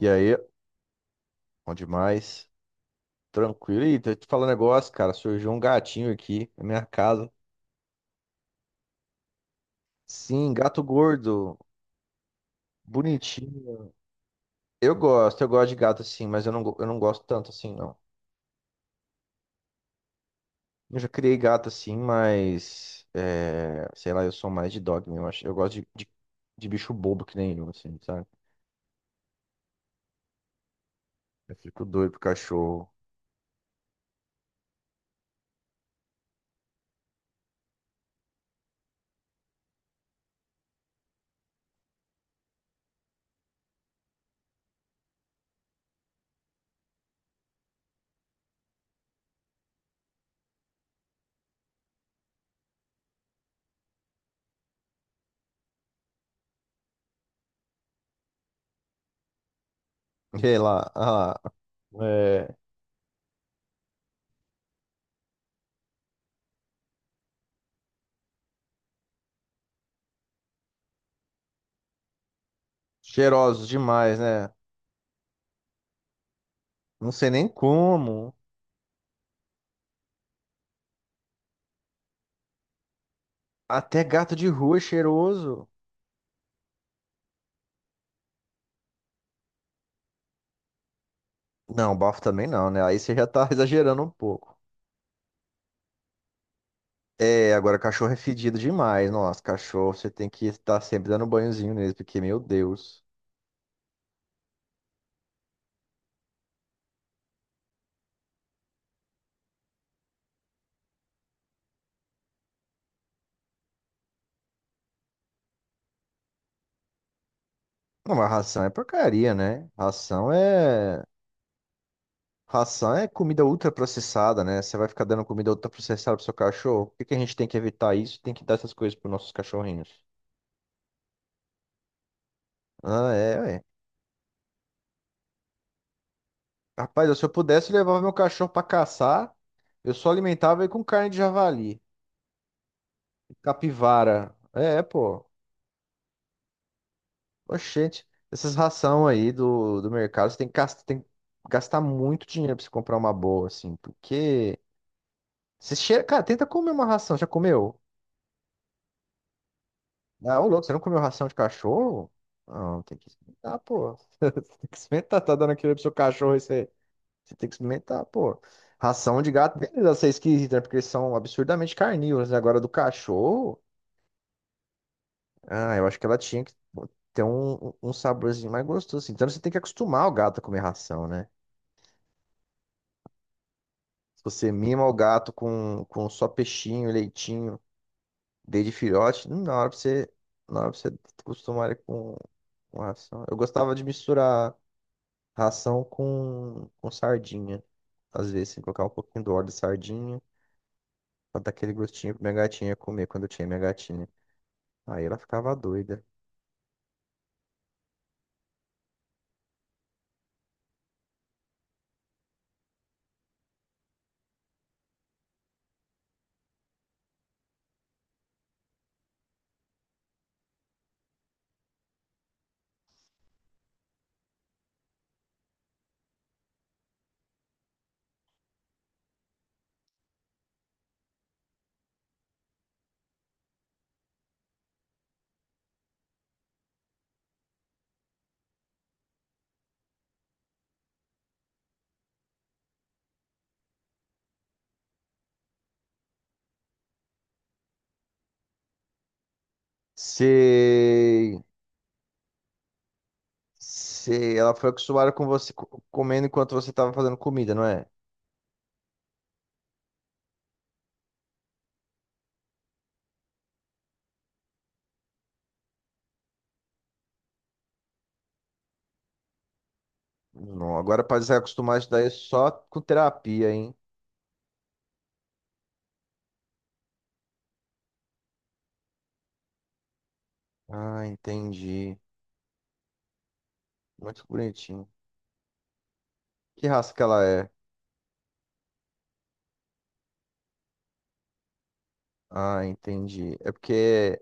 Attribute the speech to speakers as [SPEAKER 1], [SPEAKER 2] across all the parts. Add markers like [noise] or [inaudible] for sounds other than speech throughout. [SPEAKER 1] E aí, bom demais. Tranquilo. Ih, tô te falando um negócio, cara. Surgiu um gatinho aqui na minha casa. Sim, gato gordo. Bonitinho. Eu gosto de gato assim, mas eu não gosto tanto assim, não. Eu já criei gato assim, sei lá, eu sou mais de dog mesmo. Eu gosto de bicho bobo que nem eu, assim, sabe? Eu fico doido pro cachorro. [laughs] Sei lá. É, Cheirosos demais, né? Não sei nem como. Até gato de rua é cheiroso. Não, bafo também não, né? Aí você já tá [laughs] exagerando um pouco. É, agora cachorro é fedido demais. Nossa, cachorro, você tem que estar sempre dando banhozinho nele, porque, meu Deus. Não, mas ração é porcaria, né? Ração é. Ração é comida ultraprocessada, né? Você vai ficar dando comida ultraprocessada pro seu cachorro. Por que que a gente tem que evitar isso? Tem que dar essas coisas pros nossos cachorrinhos. Ah, é, ué. Rapaz, se eu pudesse, eu levava meu cachorro pra caçar. Eu só alimentava ele com carne de javali, capivara. É, pô. Oxente, essas ração aí do mercado, você tem que gastar, tem que gastar muito dinheiro pra você comprar uma boa, assim, porque você cheira, cara, tenta comer uma ração, já comeu? Ah, ô louco, você não comeu ração de cachorro? Não, tem que experimentar, pô. [laughs] Tem que experimentar, tá dando aquilo pro seu cachorro, você tem que experimentar, pô. Ração de gato, beleza, essa é esquisita, né? Porque eles são absurdamente carnívoros, né? Agora do cachorro, ah, eu acho que ela tinha que ter um, um saborzinho mais gostoso, assim. Então você tem que acostumar o gato a comer ração, né? Se você mima o gato com só peixinho, leitinho, desde filhote, na hora pra você acostumar ele com ração. Eu gostava de misturar ração com sardinha. Às vezes, assim, colocar um pouquinho do óleo de sardinha pra dar aquele gostinho pra minha gatinha comer quando eu tinha minha gatinha. Aí ela ficava doida. Sei. Sei. Ela foi acostumada com você comendo enquanto você tava fazendo comida, não é? Não, agora pra desacostumar isso daí é só com terapia, hein? Ah, entendi. Muito bonitinho. Que raça que ela é? Ah, entendi.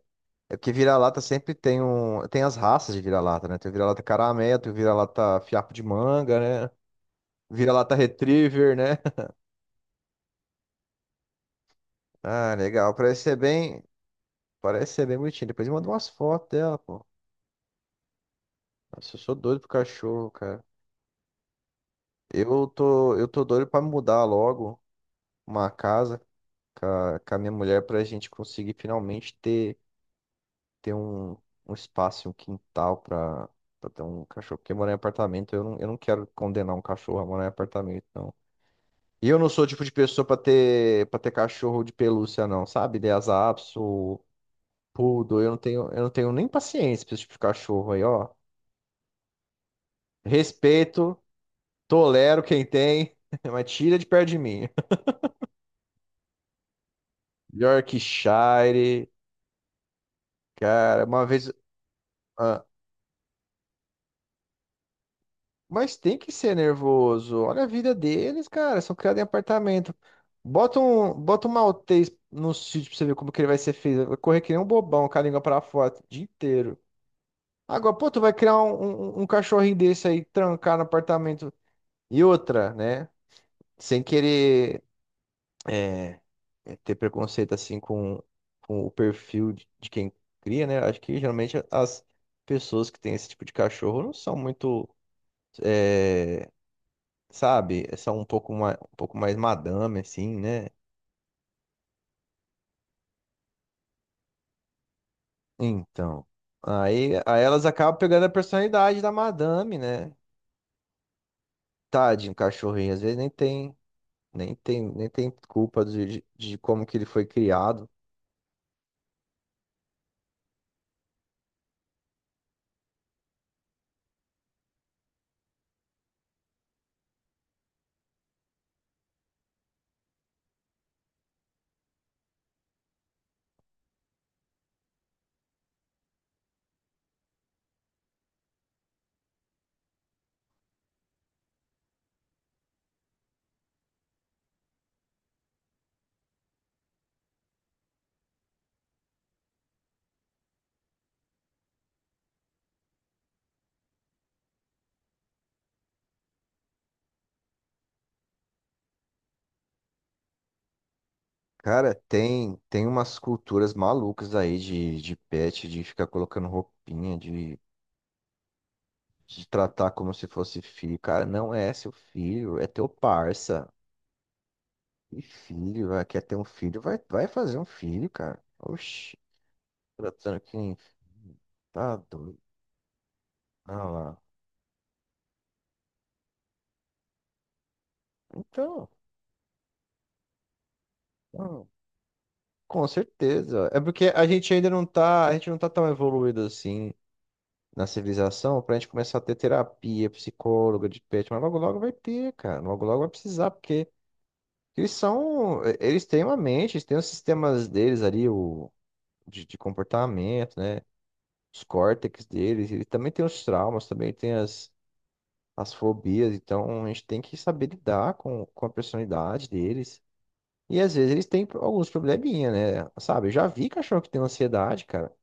[SPEAKER 1] É porque vira-lata sempre tem um, tem as raças de vira-lata, né? Tem o vira-lata caramelo, tem o vira-lata fiapo de manga, né? Vira-lata retriever, né? [laughs] Ah, legal. Parece ser bem bonitinho. Depois me manda umas fotos dela, pô. Nossa, eu sou doido pro cachorro, cara. Eu tô doido pra mudar logo uma casa com a minha mulher pra gente conseguir finalmente ter um, um espaço, um quintal pra ter um cachorro. Porque morar em apartamento, eu não quero condenar um cachorro a morar em apartamento, não. E eu não sou o tipo de pessoa para ter cachorro de pelúcia, não, sabe? Lhasa Apso, Poodle, eu não tenho nem paciência pra esse tipo de cachorro aí, ó. Respeito, tolero quem tem, [laughs] mas tira de perto de mim. [laughs] Yorkshire, cara, uma vez. ah, Mas tem que ser nervoso. Olha a vida deles, cara. São criados em apartamento. Bota um maltês no sítio pra você ver como que ele vai ser feito. Vai correr que nem um bobão com a língua pra fora o dia inteiro. Agora, pô, tu vai criar um cachorrinho desse aí, trancar no apartamento. E outra, né? Sem querer é, ter preconceito assim com o perfil de quem cria, né? Acho que geralmente as pessoas que têm esse tipo de cachorro não são muito. é, sabe? São um pouco mais madame, assim, né? Então, aí elas acabam pegando a personalidade da madame, né? Tadinho, cachorrinho, às vezes nem tem culpa de de como que ele foi criado. Cara, tem umas culturas malucas aí de pet, de ficar colocando roupinha, de tratar como se fosse filho. Cara, não é seu filho, é teu parça. E filho, quer ter um filho, vai fazer um filho, cara. Oxi. Tratando que nem. Tá doido. Ah lá. Então, ah, com certeza. É porque a gente não tá tão evoluído assim na civilização pra gente começar a ter terapia, psicóloga de pet, mas logo logo vai ter, cara. Logo logo vai precisar, porque eles são, eles têm uma mente, eles têm os sistemas deles ali, o de comportamento, né? Os córtex deles, eles também têm os traumas, também tem as, as fobias, então a gente tem que saber lidar com a personalidade deles. E às vezes eles têm alguns probleminha, né? Sabe? Eu já vi cachorro que tem ansiedade, cara.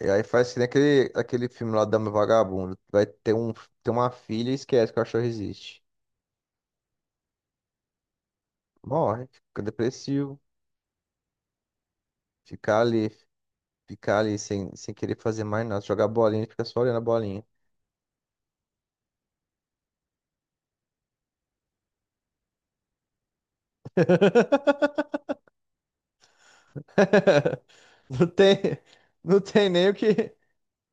[SPEAKER 1] E aí faz que nem aquele, aquele filme lá da Dama e o Vagabundo. Vai ter uma filha e esquece que o cachorro existe. Morre, fica depressivo, fica ali, fica ali sem, sem querer fazer mais nada. Jogar bolinha, ele fica só olhando a bolinha. [laughs] Não tem, não tem nem o que,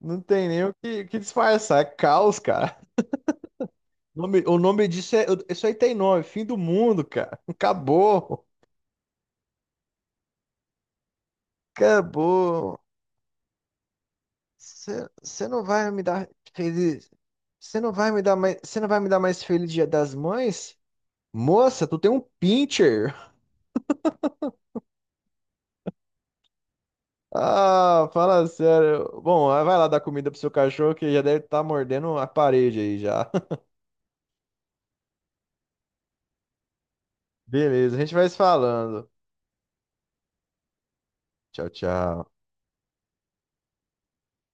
[SPEAKER 1] não tem nem o que, o que disfarçar. É caos, cara. O nome disso é, isso aí tem nome, fim do mundo, cara. Acabou. Acabou. Você não vai me dar feliz. Você não vai me dar mais. Você não vai me dar mais feliz Dia das Mães? Moça, tu tem um pincher. [laughs] Ah, fala sério. Bom, ah, vai lá dar comida pro seu cachorro que já deve estar mordendo a parede aí já. [laughs] Beleza, a gente vai se falando. Tchau, tchau.